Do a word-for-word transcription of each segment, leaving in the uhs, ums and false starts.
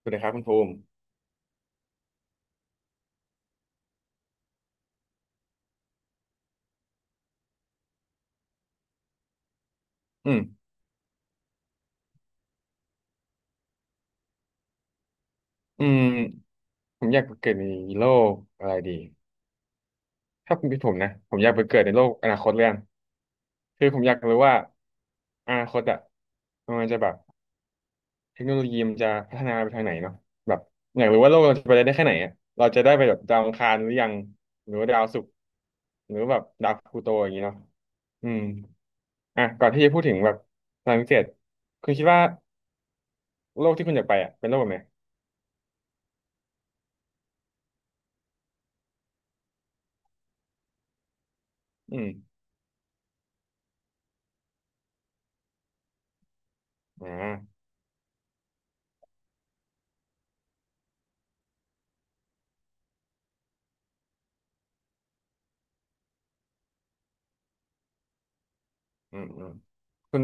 สวัสดีครับคุณภูมิอืมอืมผมอยากไปเกิดในโลกอะไรดีถ้าผมเป็นพี่ผมนะผมอยากไปเกิดในโลกอนาคตเรื่องคือผมอยากรู้ว่าอนาคตอะมันจะแบบเทคโนโลยีมันจะพัฒนาไปทางไหนเนาะแบบอยากรู้ว่าโลกเราจะไปได้แค่ไหนอะเราจะได้ไปแบบดาวอังคารหรือยังหรือว่าดาวศุกร์หรือว่าแบบดาวพลูโตอย่างนี้เนาะอืมอ่ะก่อนที่จะพูดถึงแบบพลังพิเศษคุณคิดว่าโลกที่คุณอยากไปอะเป็นโลกแบบไหนอืมอ่าอืมอืมคุณ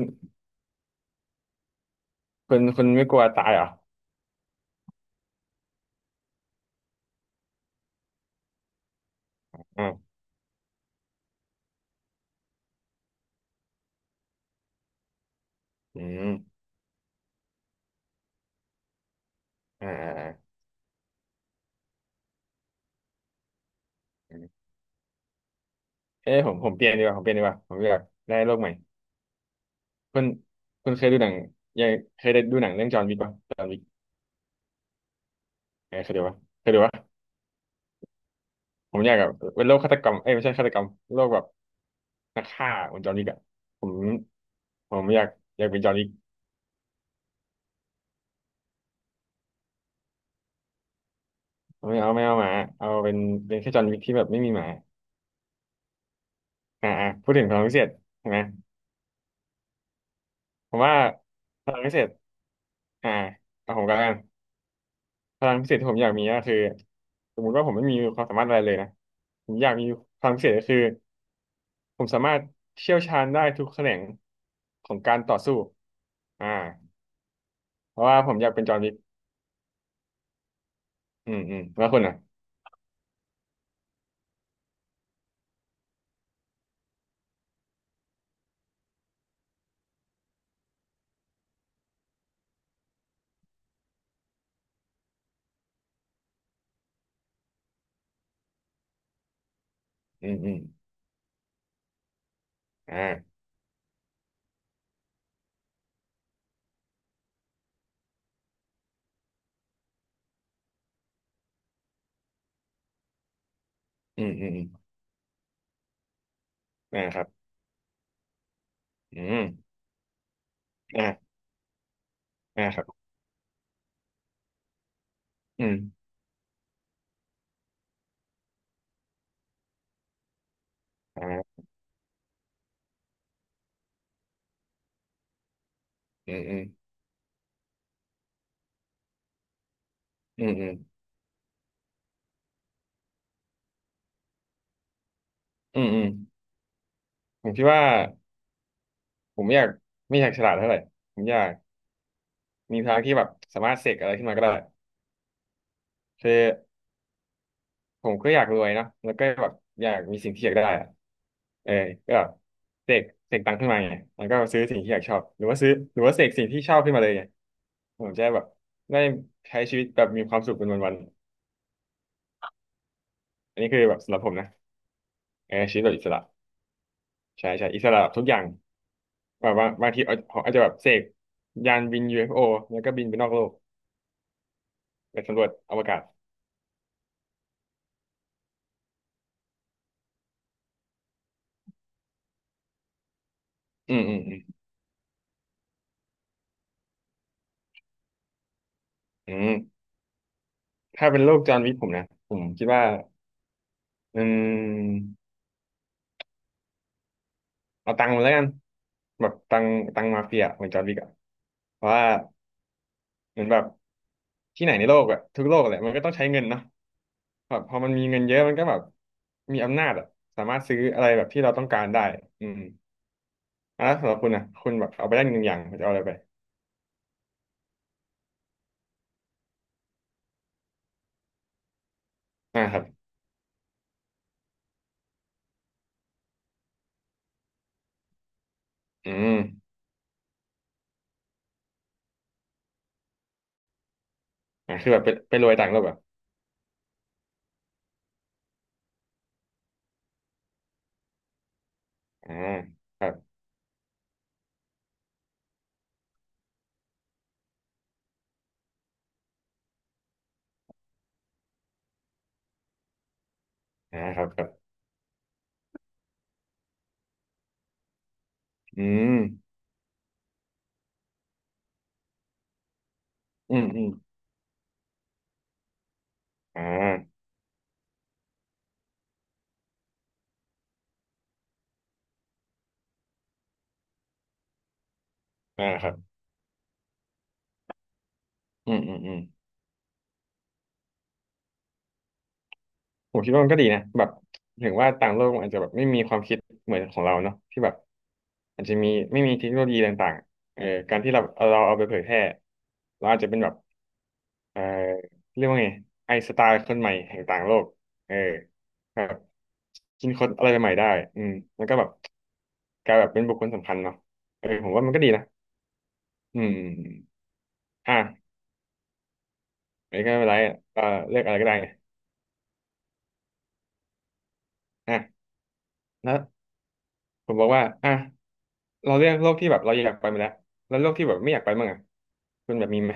คุณคุณไม่กลัวตายเหรออืมอืมอ่าอ่าอ่าเอ้ยผมผมเปลี่ยนดีกว่าผมเปลี่ยนดีกว่าผมอยากได้โลกใหม่ คุณคุณเคยดูหนังยังเคยได้ดูหนังเรื่องจอห์นวิกป่ะจอห์นวิกเออเคยดูป่ะเคยดูป่ะผมอยากแบบเป็นโลกฆาตกรรมเอ้ยไม่ใช่ฆาตกรรมโลกแบบนักฆ่าเหมือนจอห์นวิกอะผมผมอยากอยากเป็นจอห์นวิก ไม่เอาไม่เอาหมาเอาเป็นเป็นแค่จอห์นวิกที่แบบไม่มีหมาอ่าอ่าพูดถึงพลังพิเศษใช่ไหมผมว่าพลังพิเศษอ่าเอาผมก็แล้วกัน พลังพิเศษที่ผมอยากมีก็คือสมมุติว่าผมไม่มีความสามารถอะไรเลยนะผมอยากมีพลังพิเศษก็คือผมสามารถเชี่ยวชาญได้ทุกแขนงของการต่อสู้อ่าเพราะว่าผมอยากเป็นจอห์นวิกอืมอืมแล้วคุณอ่ะอืมอืมอ่าอืมอืมอืมอ่าครับอืมอ่าอ่าครับอืมอ่าอืมอืมอืมอืมอืมอืมผมคิดว่าผมไม่อยากไม่อยากฉลาดเท่าไหร่ผมอยากมีพลังที่แบบสามารถเสกอะไรขึ้นมาก็ได้คือ ผมก็อยากรวยเนาะแล้วก็แบบอยากมีสิ่งที่อยากได้อะเออก็แบบเสกเสกตังค์ขึ้นมาไงแล้วก็ซื้อสิ่งที่อยากชอบหรือว่าซื้อหรือว่าเสกสิ่งที่ชอบขึ้นมาเลยไงผมจะได้แบบได้ใช้ชีวิตแบบมีความสุขเป็นวันๆอันนี้คือแบบสำหรับผมนะเออชีวิตแบบอิสระใช่ใช่อิสระแบบทุกอย่างแบบว่าบางทีเอาผมอาจจะแบบเสกยานบิน ยู เอฟ โอ แล้วก็บินไปนอกโลกไปสำรวจอวกาศอืมอืมอืมอืมถ้าเป็นโลกจอห์นวิกผมนะผมคิดว่าอืม เอาตังค์มาแล้วกันแบบตังค์ตังค์มาเฟียเหมือนจอร์นวิกอะเพราะว่าเหมือนแบบที่ไหนในโลกอะทุกโลกแหละมันก็ต้องใช้เงินเนาะแบบพอมันมีเงินเยอะมันก็แบบมีอำนาจอะสามารถซื้ออะไรแบบที่เราต้องการได้อืมอ่ะแล้วสำหรับคุณอะคุณแบบเอาไปได้หนึ่งอย่างคุณจะเอาอะไรไปอ่าครับอืมอ่าคือแบบไปไปรวยต่างโลกอะอ่าครับอ่าครับครับอืมอืมอืมอ่าอ่าครับอืมอืมอืม ผมคิดว่ามันก็ดีนะแบบถึงว่าต่างโลกมันอาจจะแบบไม่มีความคิดเหมือนของเราเนาะที่แบบอาจจะมีไม่มีเทคโนโลยีต่างๆเอ่อการที่เราเอาเราเอาไปเผยแพร่เราอาจจะเป็นแบบเอ่อเรียกว่าไงไอน์สไตล์คนใหม่แห่งต่างโลกเออแบบกินคนอะไรใหม่ๆได้อืมแล้วก็แบบกลายแบบเป็นบุคคลสำคัญเนาะเออผมว่ามันก็ดีนะอืมอ่ะอันนก็ไม่เป็นไรเอ่อเลือกอะไรก็ได้ไงอ่ะแล้วผมบอกว่าอ่ะเราเลือกโลกที่แบบเราอยากไปมาแล้วแล้วโลกที่แบบไม่อยากไปมั่งอะ คุณแบบมีไหม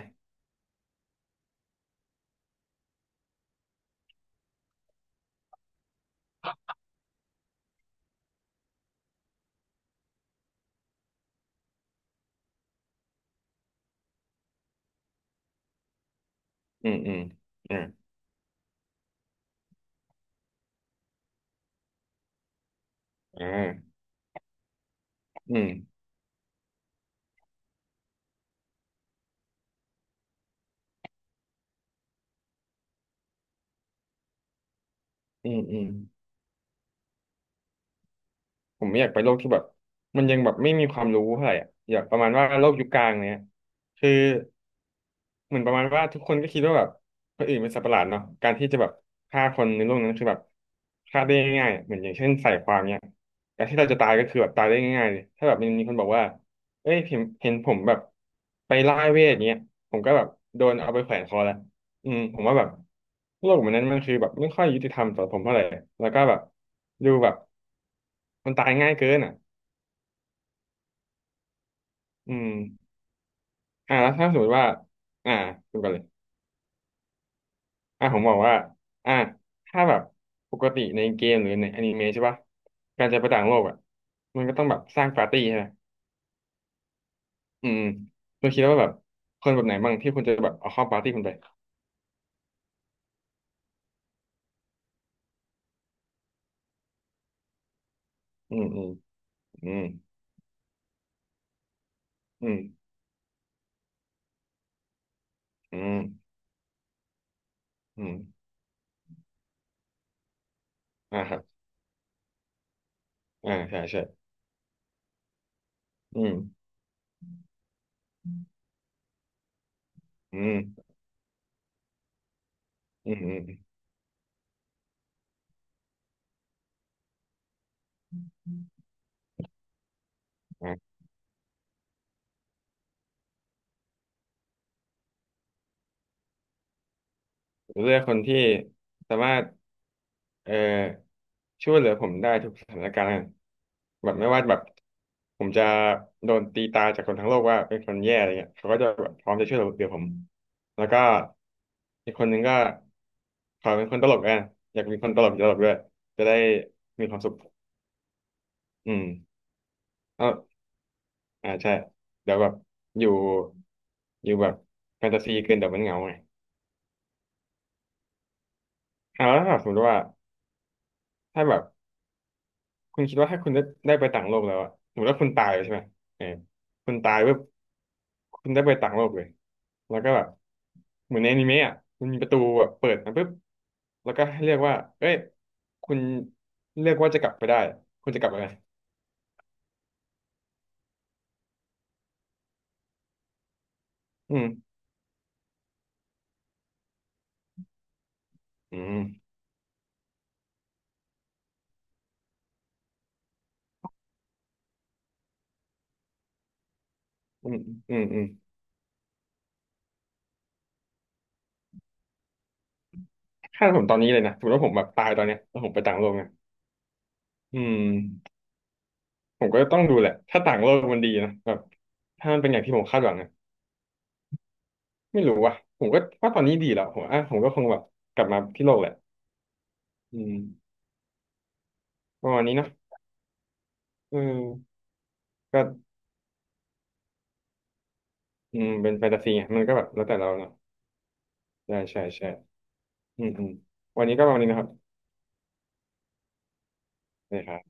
อืมอืมอ่าอ่าอืมอืมอืมผมไม่อยากไปโลกที่แบบมันยังแบบไม่มีความรู้เท่าไหร่อะอยากประมาณว่าโลกยุคกลางเนี้ย คือ เหมือนประมาณว่าทุกคนก็คิดว่าแบบคนอื่นเป็นสัตว์ประหลาดเนาะการที่จะแบบฆ่าคนในโลกนั้นคือแบบฆ่าได้ง่ายๆอะเหมือนอย่างเช่นใส่ความเนี่ยการที่เราจะตายก็คือแบบตายได้ง่ายๆเลยถ้าแบบมนมีคนบอกว่าเอ้ยเห็นเห็นผมแบบไปล่าเวทเนี้ยผมก็แบบโดนเอาไปแขวนคอแล้วอืมผมว่าแบบโลกแบบนั้นมันคือแบบไม่ค่อยยุติธรรมต่อผมเท่าไหร่แล้วก็แบบดูแบบมันตายง่ายเกินอ่ะอืมอ่าแล้วถ้าสมมติว่าอ่าคุกันเลย อ่ะผมบอกว่าอ่ะถ้าแบบปกติในเกมหรือในอนิเมะใช่ปะการจะไปต่างโลกอ่ะมันก็ต้องแบบสร้างปาร์ตี้ใช่ไหมอืมๆคุณคิดว่าแบบคนแบบไหนบ้างที่คุณจะแบบเอาเข้าปาร์ตี้คุณไปอืมอืมอืมอืมอืมอืมอ่าครับอ่าใช่ใช่อืมอืมอืมอืมอ่า เลือกคนที่สามารถเอ่อช่วยเหลือผมได้ทุกสถานการณ์แบบไม่ว่าแบบผมจะโดนตีตาจากคนทั้งโลกว่าเป็นคนแย่อะไรเงี้ยเขาก็จะแบบพร้อมจะช่วยเหลือผมแล้วก็อีกคนหนึ่งก็ขอเป็นคนตลกอ่ะอยากมีคนตลกตลกด้วยจะได้มีความสุขอืมก็อ่าใช่เดี๋ยวแบบอยู่อยู่แบบแฟนตาซีเกินเดี๋ยวมันเหงาไงอ่าแล้วถ้าสมมติว่าถ้าแบบ คุณคิดว่าถ้าคุณได้ได้ไปต่างโลกแล้วอะสมมติว่าคุณตายเลยใช่ไหมเออคุณตายปุ๊บคุณได้ไปต่างโลกเลยแล้วก็แบบเหมือนในอนิเมะอะมันมีประตูแบบเปิดมาปุ๊บแล้วก็ให้เรียกว่าเอ้ยคุณเลือกว่าจะกลับไปได้คุณจะกลับไปไหมอืมอืมอืมอืมอืมถ้าผมตอนนี้เลยนะสมมติว่าผมแบบตายตอนเนี้ยแล้วผมไปต่างโลกนะอืมผมก็ต้องดูแหละ ถ้าต่างโลกมันดีนะแบบถ้ามันเป็นอย่างที่ผมคาดหวังนะ ไม่รู้ว่ะ ผมก็ว่าตอนนี้ดีแล้วผมอ่ะผมก็คงแบบกลับมาที่โลกแหละอืมประมาณนี้เนอะเออก็อืมเป็นแฟนตาซีไงมันก็แบบแล้วแต่เราเนาะใช่ใช่ใช่อืมอืมวันนี้ก็ประมาณนี้นะครับได้ครับ